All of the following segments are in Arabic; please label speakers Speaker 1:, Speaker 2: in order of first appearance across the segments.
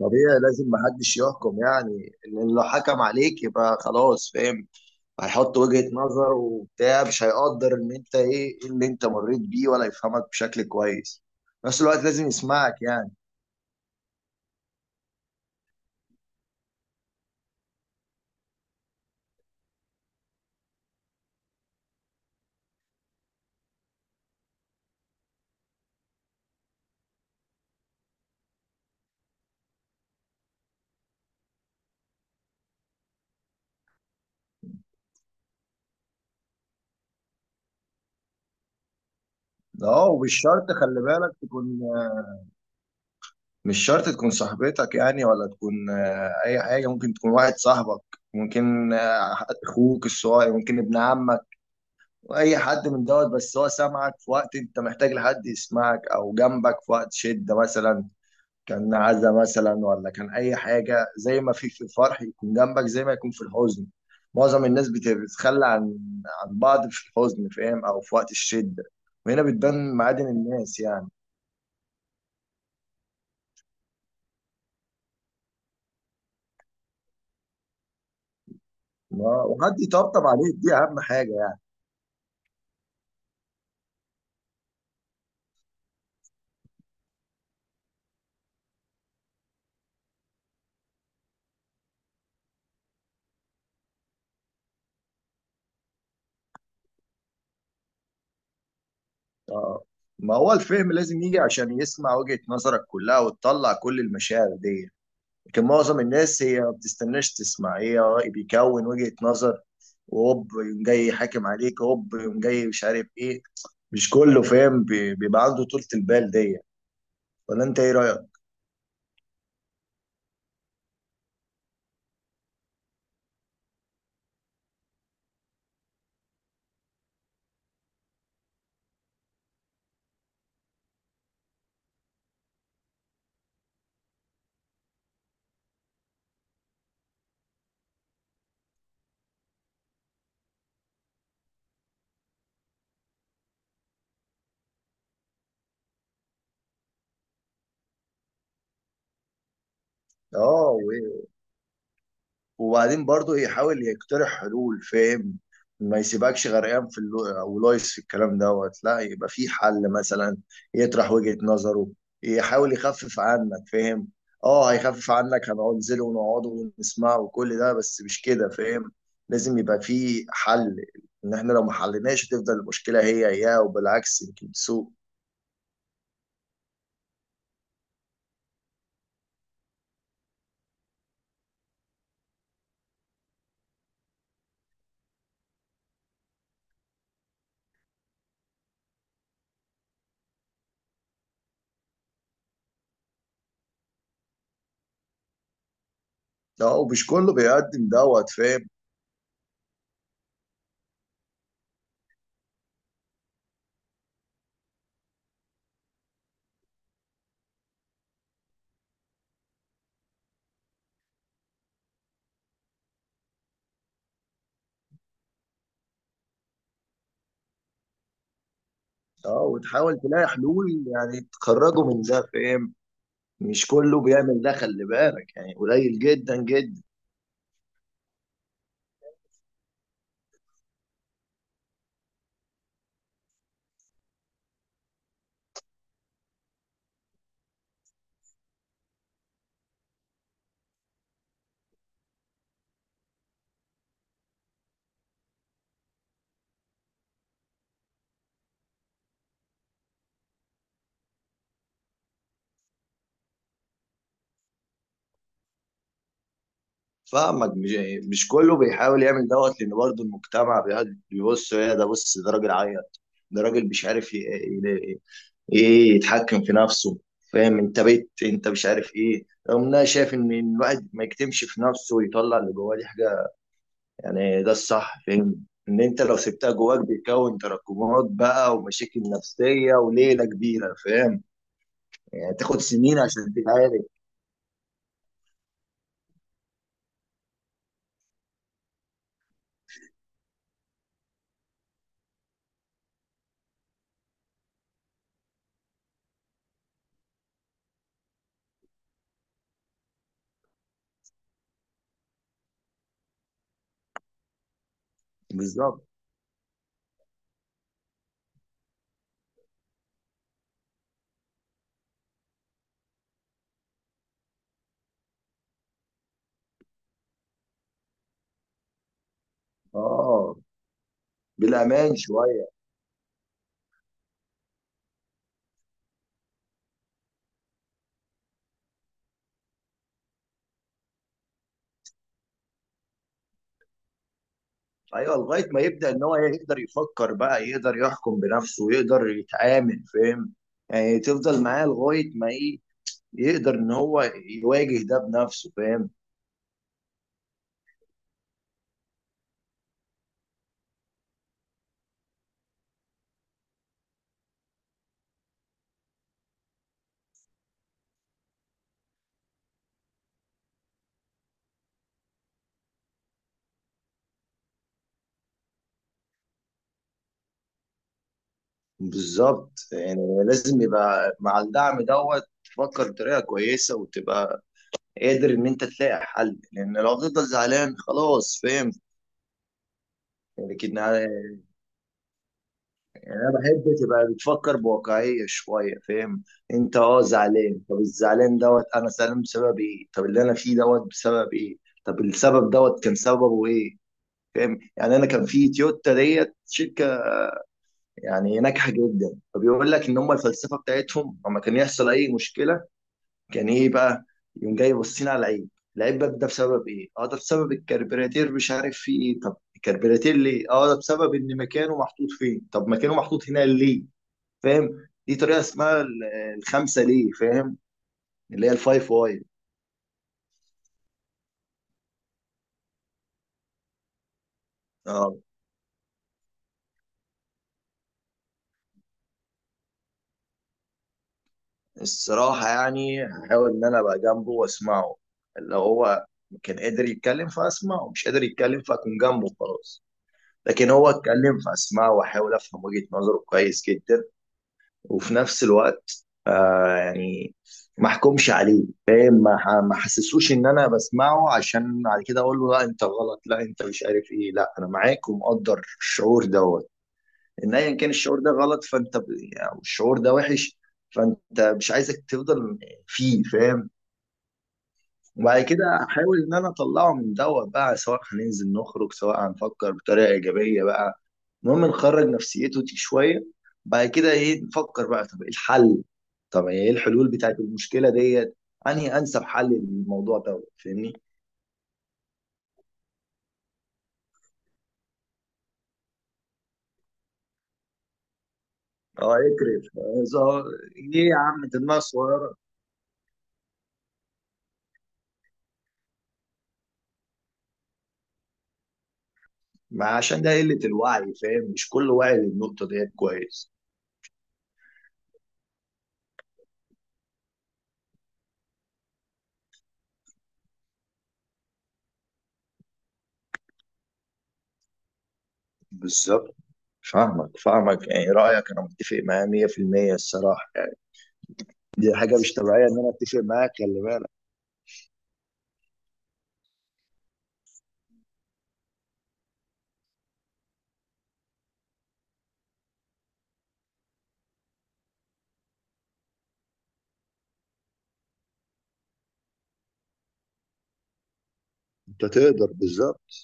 Speaker 1: طبيعي، لازم محدش يحكم يعني، لان لو حكم عليك يبقى خلاص فاهم. هيحط وجهة نظر وبتاع، مش هيقدر ان انت إيه اللي انت مريت بيه، ولا يفهمك بشكل كويس. في نفس الوقت لازم يسمعك يعني. اه، ومش شرط، خلي بالك تكون، مش شرط تكون صاحبتك يعني، ولا تكون اي حاجة. ممكن تكون واحد صاحبك، ممكن اخوك الصغير، ممكن ابن عمك، واي حد من دوت. بس هو سامعك في وقت انت محتاج لحد يسمعك، او جنبك في وقت شدة مثلا، كان عزا مثلا، ولا كان اي حاجه. زي ما في الفرح يكون جنبك، زي ما يكون في الحزن. معظم الناس بتتخلى عن بعض في الحزن، فاهم، او في وقت الشده. وهنا بتبان معادن الناس يعني. وحد يطبطب عليك، دي اهم حاجه يعني. آه. ما هو الفهم لازم يجي عشان يسمع وجهة نظرك كلها وتطلع كل المشاعر دي. لكن معظم الناس هي ما بتستناش تسمع، هي بيكون وجهة نظر، وهوب يقوم جاي حاكم عليك، هوب يقوم جاي مش عارف ايه. مش كله فاهم بيبقى عنده طولة البال دي. ولا انت ايه رأيك؟ اه. وبعدين برضو يحاول يقترح حلول فاهم. ما يسيبكش غرقان في او لايس في الكلام دوت، لا يبقى في حل مثلا، يطرح وجهة نظره، يحاول يخفف عنك فاهم. اه هيخفف عنك، هنقعد ننزله ونقعده ونسمعه وكل ده، بس مش كده فاهم. لازم يبقى في حل، ان احنا لو ما حليناش هتفضل المشكلة هي هي، وبالعكس يمكن تسوء. اه ومش كله بيقدم دوت فاهم. اه وتحاول تلاقي حلول، يعني تخرجه من ده فاهم. مش كله بيعمل ده، خلي بالك، يعني قليل جدا جدا. فاهمك. مش كله بيحاول يعمل دوت، لان برضه المجتمع بيقعد يبص. ايه ده؟ بص، ده راجل عيل، ده راجل مش عارف ايه، يتحكم في نفسه فاهم. انت بيت انت مش عارف ايه. رغم ان انا شايف ان الواحد ما يكتمش في نفسه ويطلع اللي جواه، دي حاجه يعني ده الصح فاهم. ان انت لو سبتها جواك بيكون تراكمات بقى، ومشاكل نفسيه وليله كبيره فاهم. يعني تاخد سنين عشان تتعالج. بالظبط. اه بالامان شويه. ايوه، لغايه ما يبدا ان هو يقدر يفكر بقى، يقدر يحكم بنفسه، يقدر يتعامل فاهم. يعني تفضل معاه لغايه ما ايه، يقدر ان هو يواجه ده بنفسه فاهم. بالظبط. يعني لازم يبقى مع الدعم دوت تفكر بطريقه كويسه، وتبقى قادر ان انت تلاقي حل، لان لو هتفضل زعلان خلاص فاهم. لكن يعني انا بحب تبقى بتفكر بواقعيه شويه فاهم. انت اه زعلان، طب الزعلان دوت انا زعلان بسبب ايه؟ طب اللي انا فيه دوت بسبب ايه؟ طب السبب دوت كان سببه ايه؟ فاهم. يعني انا كان في تويوتا ديت شركه يعني ناجحه جدا، فبيقول لك ان هم الفلسفه بتاعتهم لما كان يحصل اي مشكله كان ايه بقى؟ يقوم جاي باصين على العيب. العيب بقى ده بسبب ايه؟ اه ده بسبب الكربراتير، مش عارف فيه ايه. طب الكربراتير ليه؟ اه ده بسبب ان مكانه محطوط فين. طب مكانه محطوط هنا ليه؟ فاهم. دي طريقه اسمها الخمسه ليه فاهم، اللي هي الفايف واي. اه. الصراحه يعني هحاول ان انا ابقى جنبه واسمعه، اللي هو كان قادر يتكلم فاسمعه، مش قادر يتكلم فاكون جنبه خلاص. لكن هو اتكلم فاسمعه، واحاول افهم وجهه نظره كويس جدا. وفي نفس الوقت آه يعني ما احكمش عليه فاهم. ما احسسوش ان انا بسمعه عشان بعد كده اقول له لا انت غلط، لا انت مش عارف ايه. لا، انا معاك ومقدر الشعور ده. ان ايا كان الشعور ده غلط فانت او الشعور ده وحش، فانت مش عايزك تفضل فيه فاهم. وبعد كده احاول ان انا اطلعه من دوت بقى، سواء هننزل نخرج، سواء هنفكر بطريقه ايجابيه بقى. المهم نخرج نفسيته دي شويه. بعد كده ايه؟ نفكر بقى، طب ايه الحل؟ طب ايه الحلول بتاعت المشكله ديت؟ انهي انسب حل للموضوع دوت فاهمني. اه اكرف ليه يا عم دماغ صغيره. ما عشان ده قله الوعي فاهم، مش كل واعي للنقطه ديت كويس. بالظبط. فاهمك فاهمك يعني رأيك، أنا متفق معاه 100% الصراحة يعني. دي حاجة مش طبيعية إن أنا أتفق معاك، خلي بالك. أنت تقدر بالظبط.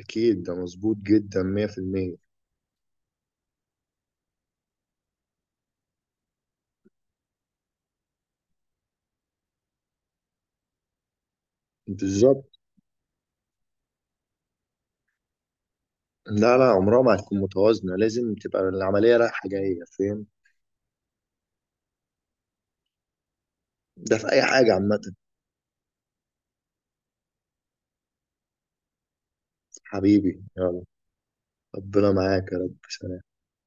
Speaker 1: أكيد ده مظبوط جدا 100%. بالظبط. لا لا، عمرها ما هتكون متوازنة، لازم تبقى العملية رايحة جاية فاهم. ده في أي حاجة عامة. حبيبي يلا. ربنا معاك يا رب.